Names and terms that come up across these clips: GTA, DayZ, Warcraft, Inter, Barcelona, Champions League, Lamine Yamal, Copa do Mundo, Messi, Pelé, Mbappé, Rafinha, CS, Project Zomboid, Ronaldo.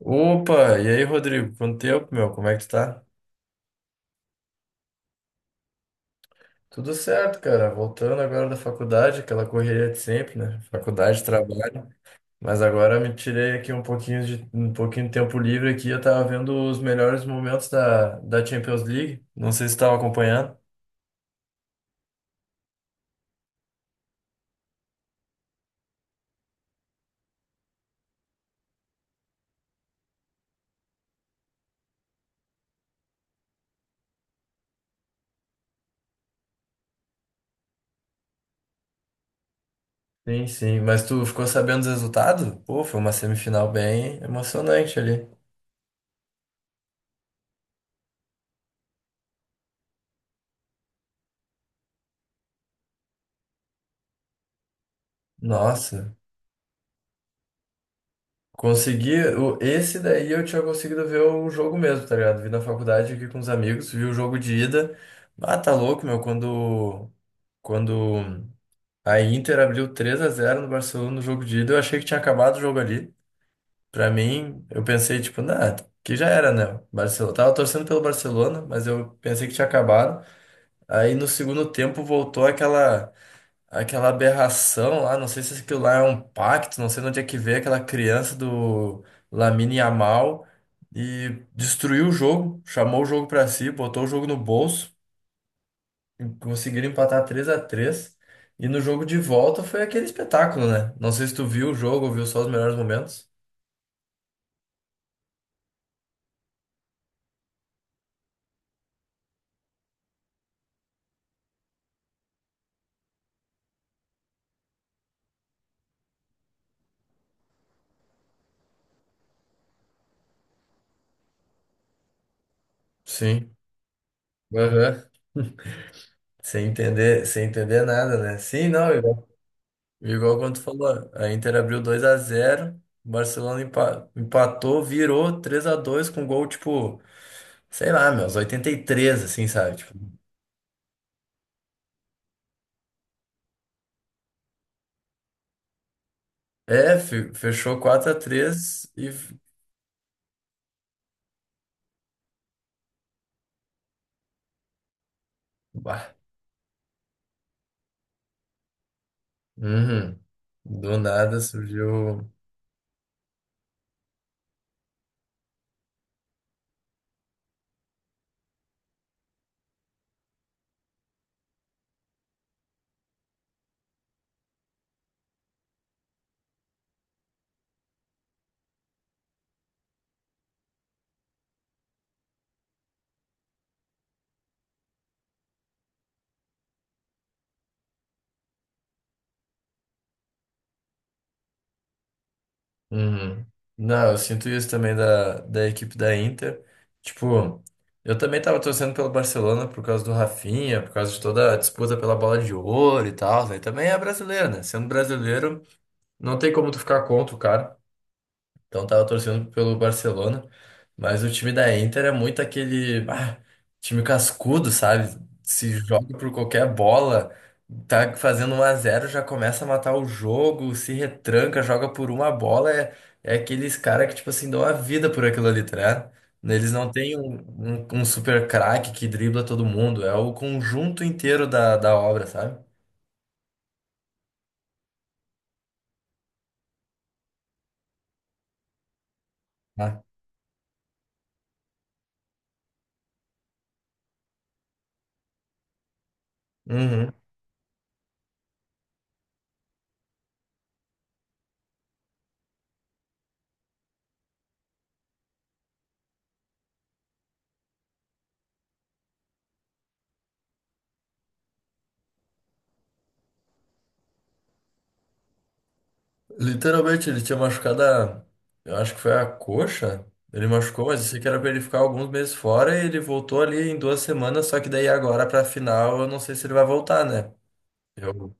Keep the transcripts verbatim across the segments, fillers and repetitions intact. Opa, e aí, Rodrigo? Quanto tempo, meu? Como é que tu tá? Tudo certo, cara. Voltando agora da faculdade, aquela correria de sempre, né? Faculdade, trabalho. Mas agora me tirei aqui um pouquinho de um pouquinho de tempo livre aqui. Eu tava vendo os melhores momentos da, da Champions League. Não sei se tu tava acompanhando. Sim, sim. Mas tu ficou sabendo dos resultados? Pô, foi uma semifinal bem emocionante ali. Nossa. Consegui, o- esse daí eu tinha conseguido ver o jogo mesmo, tá ligado? Vi na faculdade aqui com os amigos, vi o jogo de ida. Ah, tá louco, meu, quando, quando a Inter abriu três a zero no Barcelona no jogo de ida, eu achei que tinha acabado o jogo ali. Pra mim, eu pensei, tipo, nah, que já era, né? Barcelona. Tava torcendo pelo Barcelona, mas eu pensei que tinha acabado. Aí no segundo tempo voltou aquela. Aquela aberração lá, não sei se aquilo lá é um pacto, não sei de onde é que veio aquela criança do Lamine Yamal e destruiu o jogo, chamou o jogo pra si, botou o jogo no bolso, e conseguiram empatar três a três e no jogo de volta foi aquele espetáculo, né? Não sei se tu viu o jogo ou viu só os melhores momentos. Sim. Aham. Sem entender, sem entender nada, né? Sim, não, eu Igual quando tu falou, a Inter abriu dois a zero o Barcelona empa- empatou, virou três a dois com gol, tipo, sei lá, meus oitenta e três assim, sabe? Tipo, é, fe- fechou quatro a três e. Bah. Uhum. Do nada surgiu. Uhum. Não, eu sinto isso também da, da equipe da Inter. Tipo, eu também tava torcendo pelo Barcelona por causa do Rafinha, por causa de toda a disputa pela bola de ouro e tal, né? E também é brasileiro, né? Sendo brasileiro. Não tem como tu ficar contra o cara. Então tava torcendo pelo Barcelona. Mas o time da Inter é muito aquele ah, time cascudo, sabe? Se joga por qualquer bola, tá fazendo um a zero já começa a matar o jogo, se retranca, joga por uma bola. É, é aqueles caras que, tipo assim, dão a vida por aquilo ali, tá ligado? Eles não têm um, um, um super craque que dribla todo mundo. É o conjunto inteiro da, da obra, sabe? Ah. Uhum. Literalmente, ele tinha machucado a. Eu acho que foi a coxa. Ele machucou, mas eu sei que era pra ele ficar alguns meses fora e ele voltou ali em duas semanas, só que daí agora pra final eu não sei se ele vai voltar, né? Eu...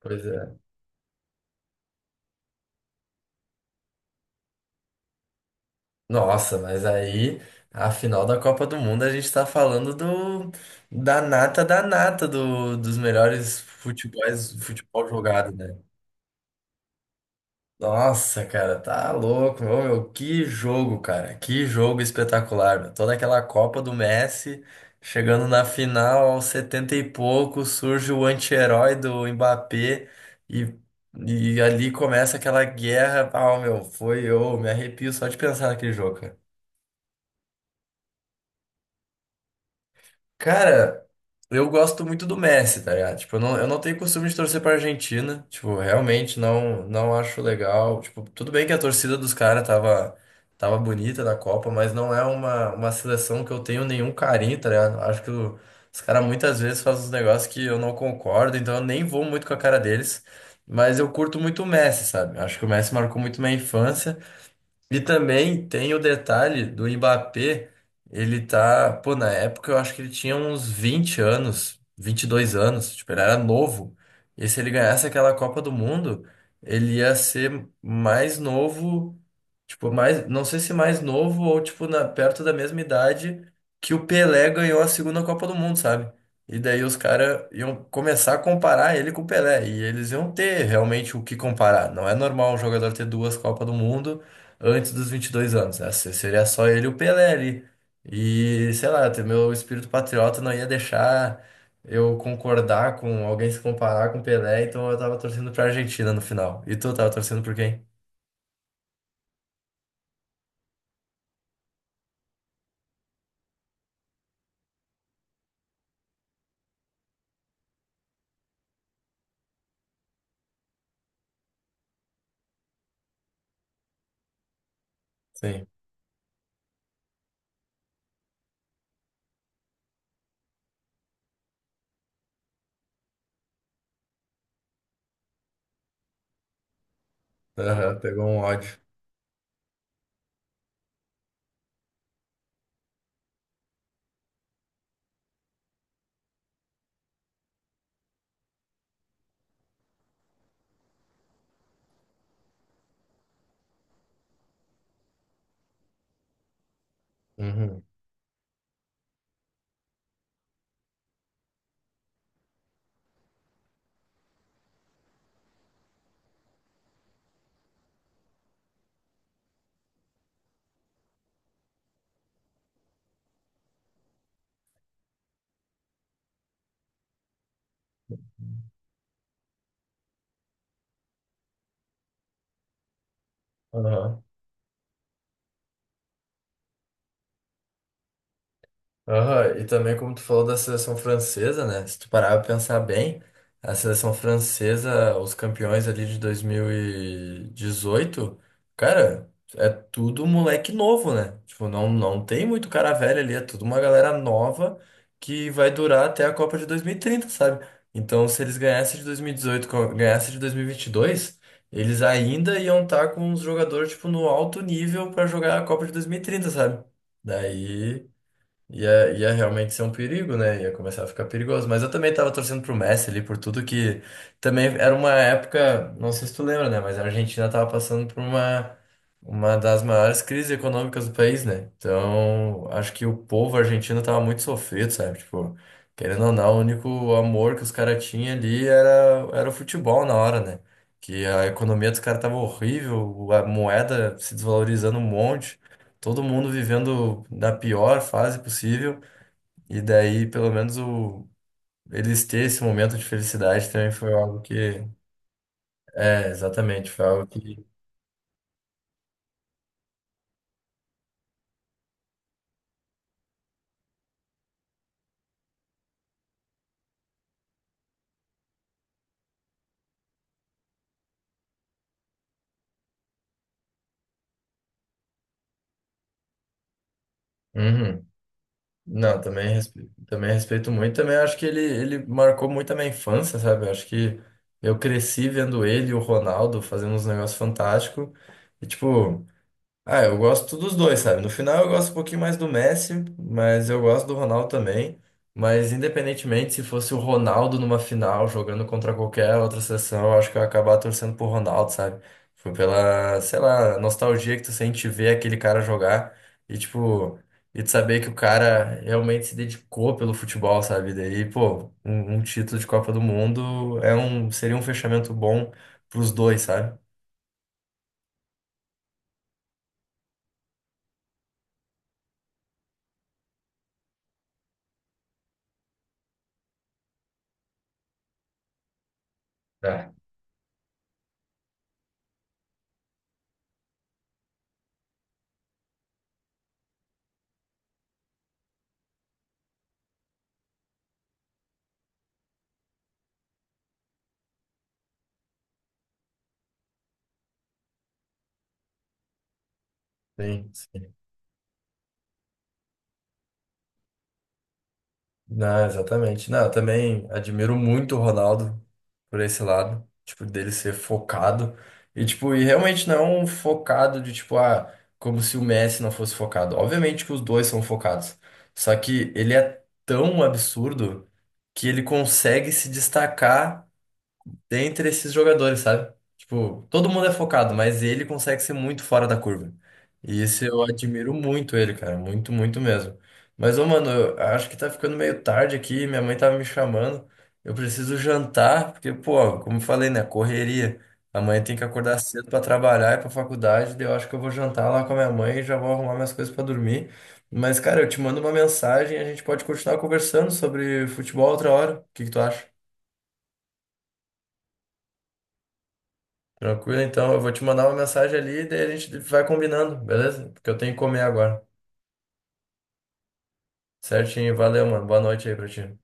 Pois é. Nossa, mas aí a final da Copa do Mundo a gente tá falando do da nata da nata do... dos melhores futebols, futebol jogado, né? Nossa, cara, tá louco, meu, meu, que jogo, cara, que jogo espetacular, meu. Toda aquela Copa do Messi, chegando na final aos setenta e pouco, surge o anti-herói do Mbappé e, e ali começa aquela guerra. Ah, meu, foi eu, me arrepio só de pensar naquele jogo. Cara, eu gosto muito do Messi, tá ligado? Tipo, eu não, eu não tenho costume de torcer pra Argentina. Tipo, realmente não, não acho legal. Tipo, tudo bem que a torcida dos caras tava, tava bonita da Copa, mas não é uma, uma seleção que eu tenho nenhum carinho, tá ligado? Acho que o- os caras muitas vezes fazem uns negócios que eu não concordo, então eu nem vou muito com a cara deles. Mas eu curto muito o Messi, sabe? Acho que o Messi marcou muito minha infância. E também tem o detalhe do Mbappé, ele tá, pô, na época eu acho que ele tinha uns vinte anos, vinte e dois anos, tipo, ele era novo. E se ele ganhasse aquela Copa do Mundo, ele ia ser mais novo, tipo, mais, não sei se mais novo ou tipo na, perto da mesma idade que o Pelé ganhou a segunda Copa do Mundo, sabe? E daí os caras iam começar a comparar ele com o Pelé, e eles iam ter realmente o que comparar. Não é normal um jogador ter duas Copas do Mundo antes dos vinte e dois anos, né? Se- Seria só ele e o Pelé ali. E, sei lá, ter meu espírito patriota não ia deixar eu concordar com alguém se comparar com o Pelé, então eu tava torcendo pra Argentina no final. E tu tava torcendo por quem? Sim. Aham, pegou um ódio. Uhum. Aham. Aham, e também como tu falou da seleção francesa, né? Se tu parar pra pensar bem, a seleção francesa, os campeões ali de dois mil e dezoito, cara, é tudo moleque novo, né? Tipo, não, não tem muito cara velho ali, é tudo uma galera nova que vai durar até a Copa de dois mil e trinta, sabe? Então, se eles ganhassem de dois mil e dezoito, co- ganhassem de dois mil e e vinte e dois, eles ainda iam estar com os jogadores, tipo, no alto nível pra jogar a Copa de dois mil e trinta, sabe? Daí. Ia, ia realmente ser um perigo, né? Ia começar a ficar perigoso. Mas eu também tava torcendo pro Messi ali por tudo que. Também era uma época, não sei se tu lembra, né? Mas a Argentina tava passando por uma, uma das maiores crises econômicas do país, né? Então, acho que o povo argentino tava muito sofrido, sabe? Tipo, querendo ou não, o único amor que os caras tinham ali era, era o futebol na hora, né? Que a economia dos caras tava horrível, a moeda se desvalorizando um monte, todo mundo vivendo da pior fase possível. E daí, pelo menos, o, eles ter esse momento de felicidade também foi algo que. É, exatamente, foi algo que. Uhum. Não, também respeito, também respeito muito. Também acho que ele, ele marcou muito a minha infância, sabe? Eu acho que eu cresci vendo ele e o Ronaldo fazendo uns negócios fantásticos. E, tipo. Ah, eu gosto dos dois, sabe? No final eu gosto um pouquinho mais do Messi, mas eu gosto do Ronaldo também. Mas independentemente se fosse o Ronaldo numa final jogando contra qualquer outra seleção, eu acho que eu ia acabar torcendo pro Ronaldo, sabe? Foi pela, sei lá, nostalgia que tu sente ver aquele cara jogar e tipo, e de saber que o cara realmente se dedicou pelo futebol, sabe? Daí, pô, um, um título de Copa do Mundo é um, seria um fechamento bom pros dois, sabe? É, sim. Não, exatamente. Não, eu também admiro muito o Ronaldo por esse lado, tipo, dele ser focado. E, tipo, e realmente não um focado de, tipo, ah, como se o Messi não fosse focado. Obviamente que os dois são focados. Só que ele é tão absurdo que ele consegue se destacar dentre esses jogadores, sabe? Tipo, todo mundo é focado, mas ele consegue ser muito fora da curva. E isso eu admiro muito ele, cara, muito, muito mesmo. Mas, ô, mano, eu acho que tá ficando meio tarde aqui, minha mãe tava me chamando. Eu preciso jantar, porque, pô, como eu falei, né, correria. Amanhã tem que acordar cedo pra trabalhar e pra faculdade, daí eu acho que eu vou jantar lá com a minha mãe e já vou arrumar minhas coisas pra dormir. Mas, cara, eu te mando uma mensagem, e a gente pode continuar conversando sobre futebol outra hora. O que que tu acha? Tranquilo, então. Eu vou te mandar uma mensagem ali e daí a gente vai combinando, beleza? Porque eu tenho que comer agora. Certinho, valeu, mano. Boa noite aí pra ti.